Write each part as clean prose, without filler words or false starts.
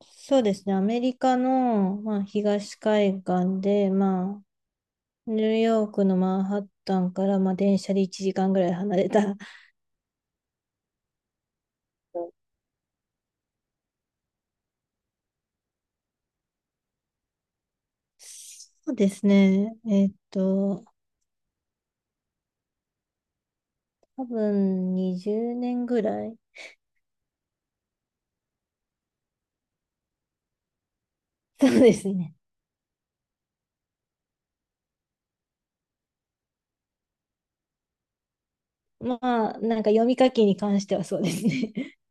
そうですね。アメリカの、まあ、東海岸で、まあ、ニューヨークのマンハッタンから、まあ、電車で1時間ぐらい離れた。そうですね。多分20年ぐらい。そうですね。まあ、なんか読み書きに関してはそうですね。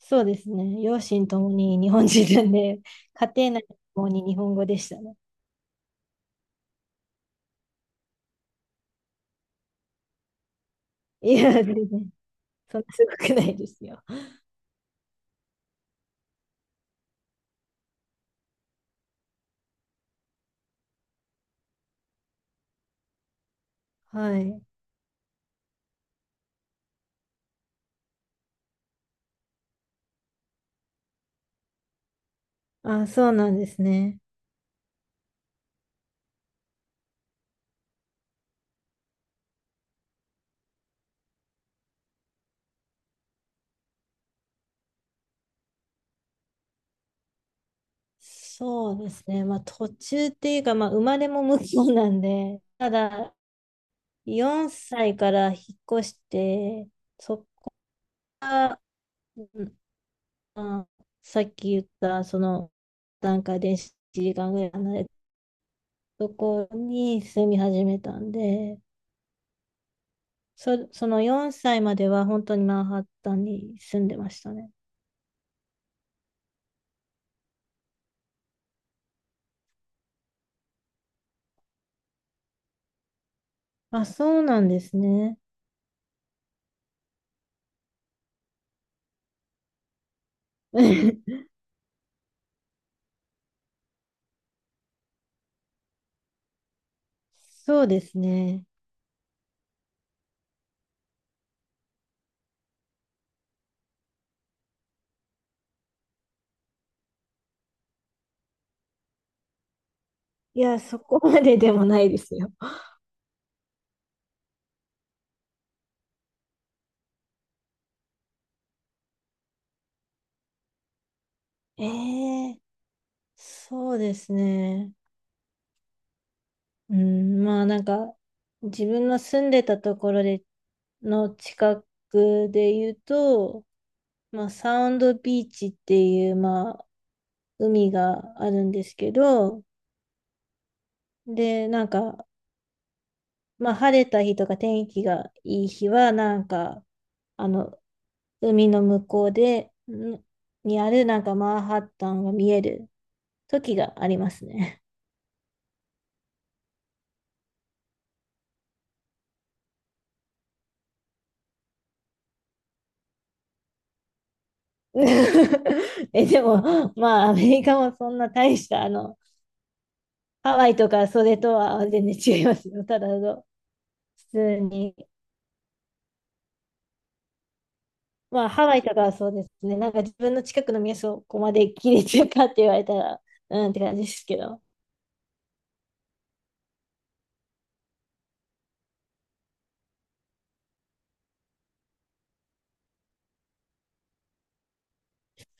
そうですね。両親ともに日本人なんで、家庭内ともに日本語でしたね。いや、全然、そんなすごくないですよ。はい。あ、そうなんですね。そうですね。まあ途中っていうか、まあ生まれも向こうなんで、ただ4歳から引っ越して、そっから、うん、まあさっき言ったその段階で1時間ぐらい離れたところに住み始めたんで、その4歳までは本当にマンハッタンに住んでましたね。あ、そうなんですね。そうですね。いや、そこまででもないですよ。ええ、そうですね。うん、まあなんか、自分の住んでたところでの近くで言うと、まあサウンドビーチっていう、まあ海があるんですけど、で、なんか、まあ晴れた日とか天気がいい日は、なんか、あの、海の向こうで、にあるなんかマンハッタンが見える時がありますね。え、でも、まあ、アメリカもそんな大した、あの、ハワイとかそれとは全然違いますよ。ただの、普通に。まあ、ハワイとかはそうですね。なんか自分の近くの店をここまで切れてるかって言われたら、うんって感じですけど。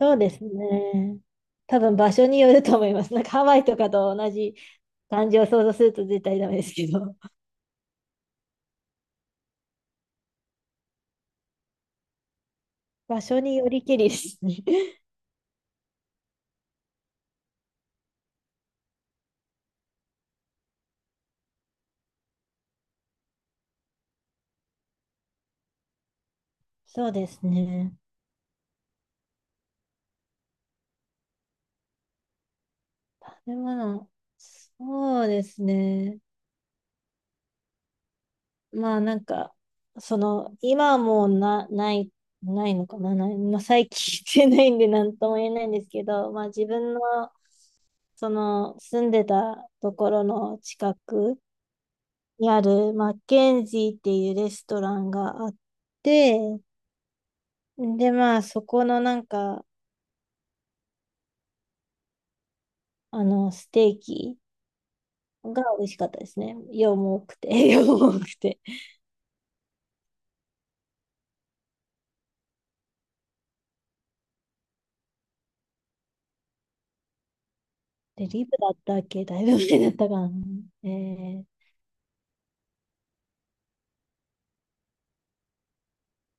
そうですね。多分場所によると思います。なんかハワイとかと同じ感じを想像すると絶対ダメですけど。場所によりけりですね。そうですね。食べ物。そうですね。まあなんか、その、今はもうないのかな、ない、まあ、最近してないんで何とも言えないんですけど、まあ自分の、その、住んでたところの近くにある、マッケンジーっていうレストランがあって、でまあそこのなんか、あの、ステーキが美味しかったですね。量も多くて、量も多くて。で、リブだったっけ、だいぶ前だったかな。え、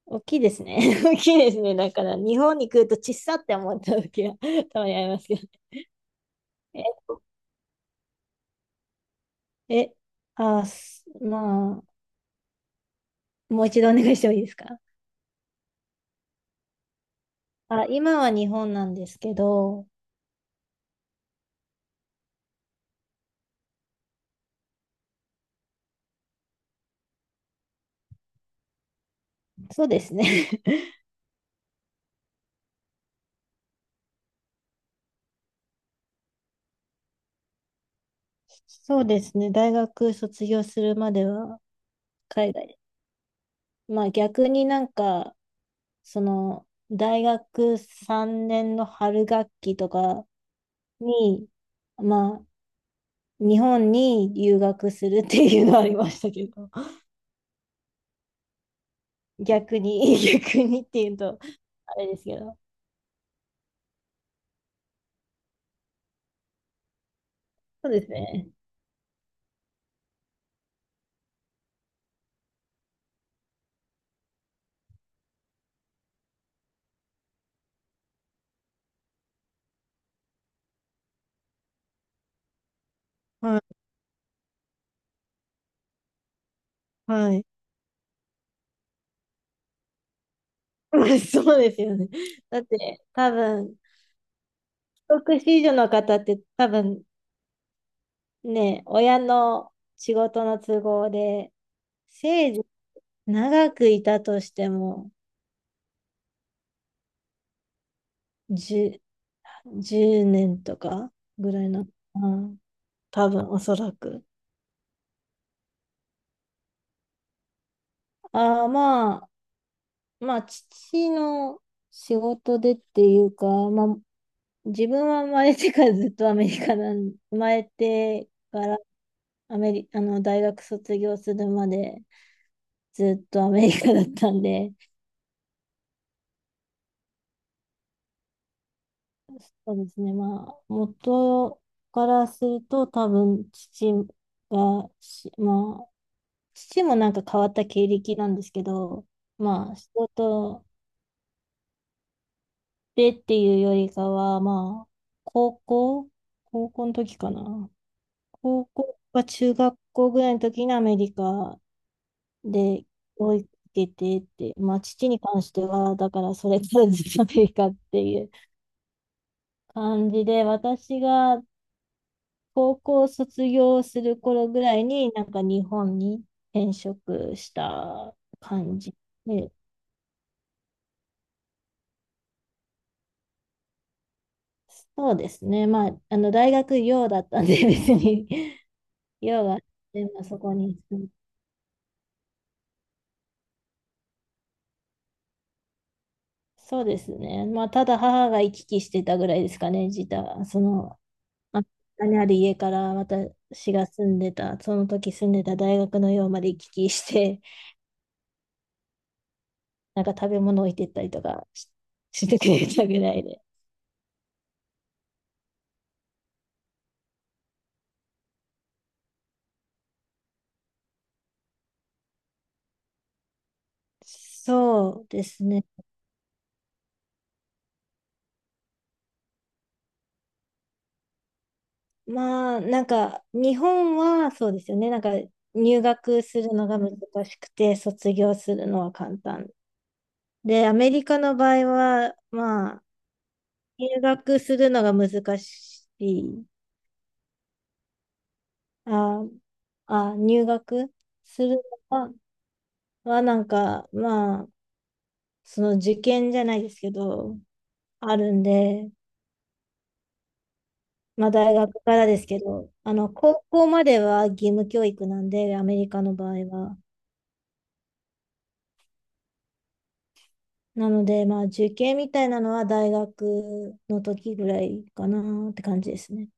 大きいですね。大きいですね。だから、日本に来ると小さって思った時は たまにありますけどね。え、え、あ、すまあ、もう一度お願いしてもいいですか？あ、今は日本なんですけど、そうですね。そうですね。大学卒業するまでは海外。まあ逆になんか、その、大学3年の春学期とかに、まあ、日本に留学するっていうのはありましたけど。逆に、逆にっていうと、あれですけど。そうですね。はい。はい。そうですよね。だって、多分、帰国子女の方って多分ね、親の仕事の都合で、せいぜい長くいたとしても、10、年とかぐらいなの、うん、多分、おそらく。ああ、まあ、まあ、父の仕事でっていうか、まあ、自分は生まれてからずっとアメリカなん、生まれてからアメリ、あの、大学卒業するまでずっとアメリカだったんで、そうですね、まあ、元からすると多分父がし、まあ、父もなんか変わった経歴なんですけど、まあ、仕事でっていうよりかは、まあ、高校、高校の時かな。高校か中学校ぐらいの時にアメリカで、教育受けてって、まあ、父に関しては、だからそれからずっとアメリカっていう感じで、私が高校卒業する頃ぐらいに、なんか日本に転職した感じで、そうですね、まあ、あの大学寮だったんで、別に 寮があって、まあ、そこに住ん、そうですね、まあ、ただ母が行き来してたぐらいですかね、自体、そのまあかある家から私が住んでた、その時住んでた大学の寮まで行き来して、なんか食べ物置いてったりとかし、してくれたぐらいで。そうですね。まあ、なんか、日本はそうですよね。なんか、入学するのが難しくて、卒業するのは簡単。で、アメリカの場合は、まあ、入学するのが難しい。あ、入学するのははなんか、まあ、その受験じゃないですけど、あるんで、まあ大学からですけど、あの、高校までは義務教育なんで、アメリカの場合は。なので、まあ受験みたいなのは大学の時ぐらいかなって感じですね。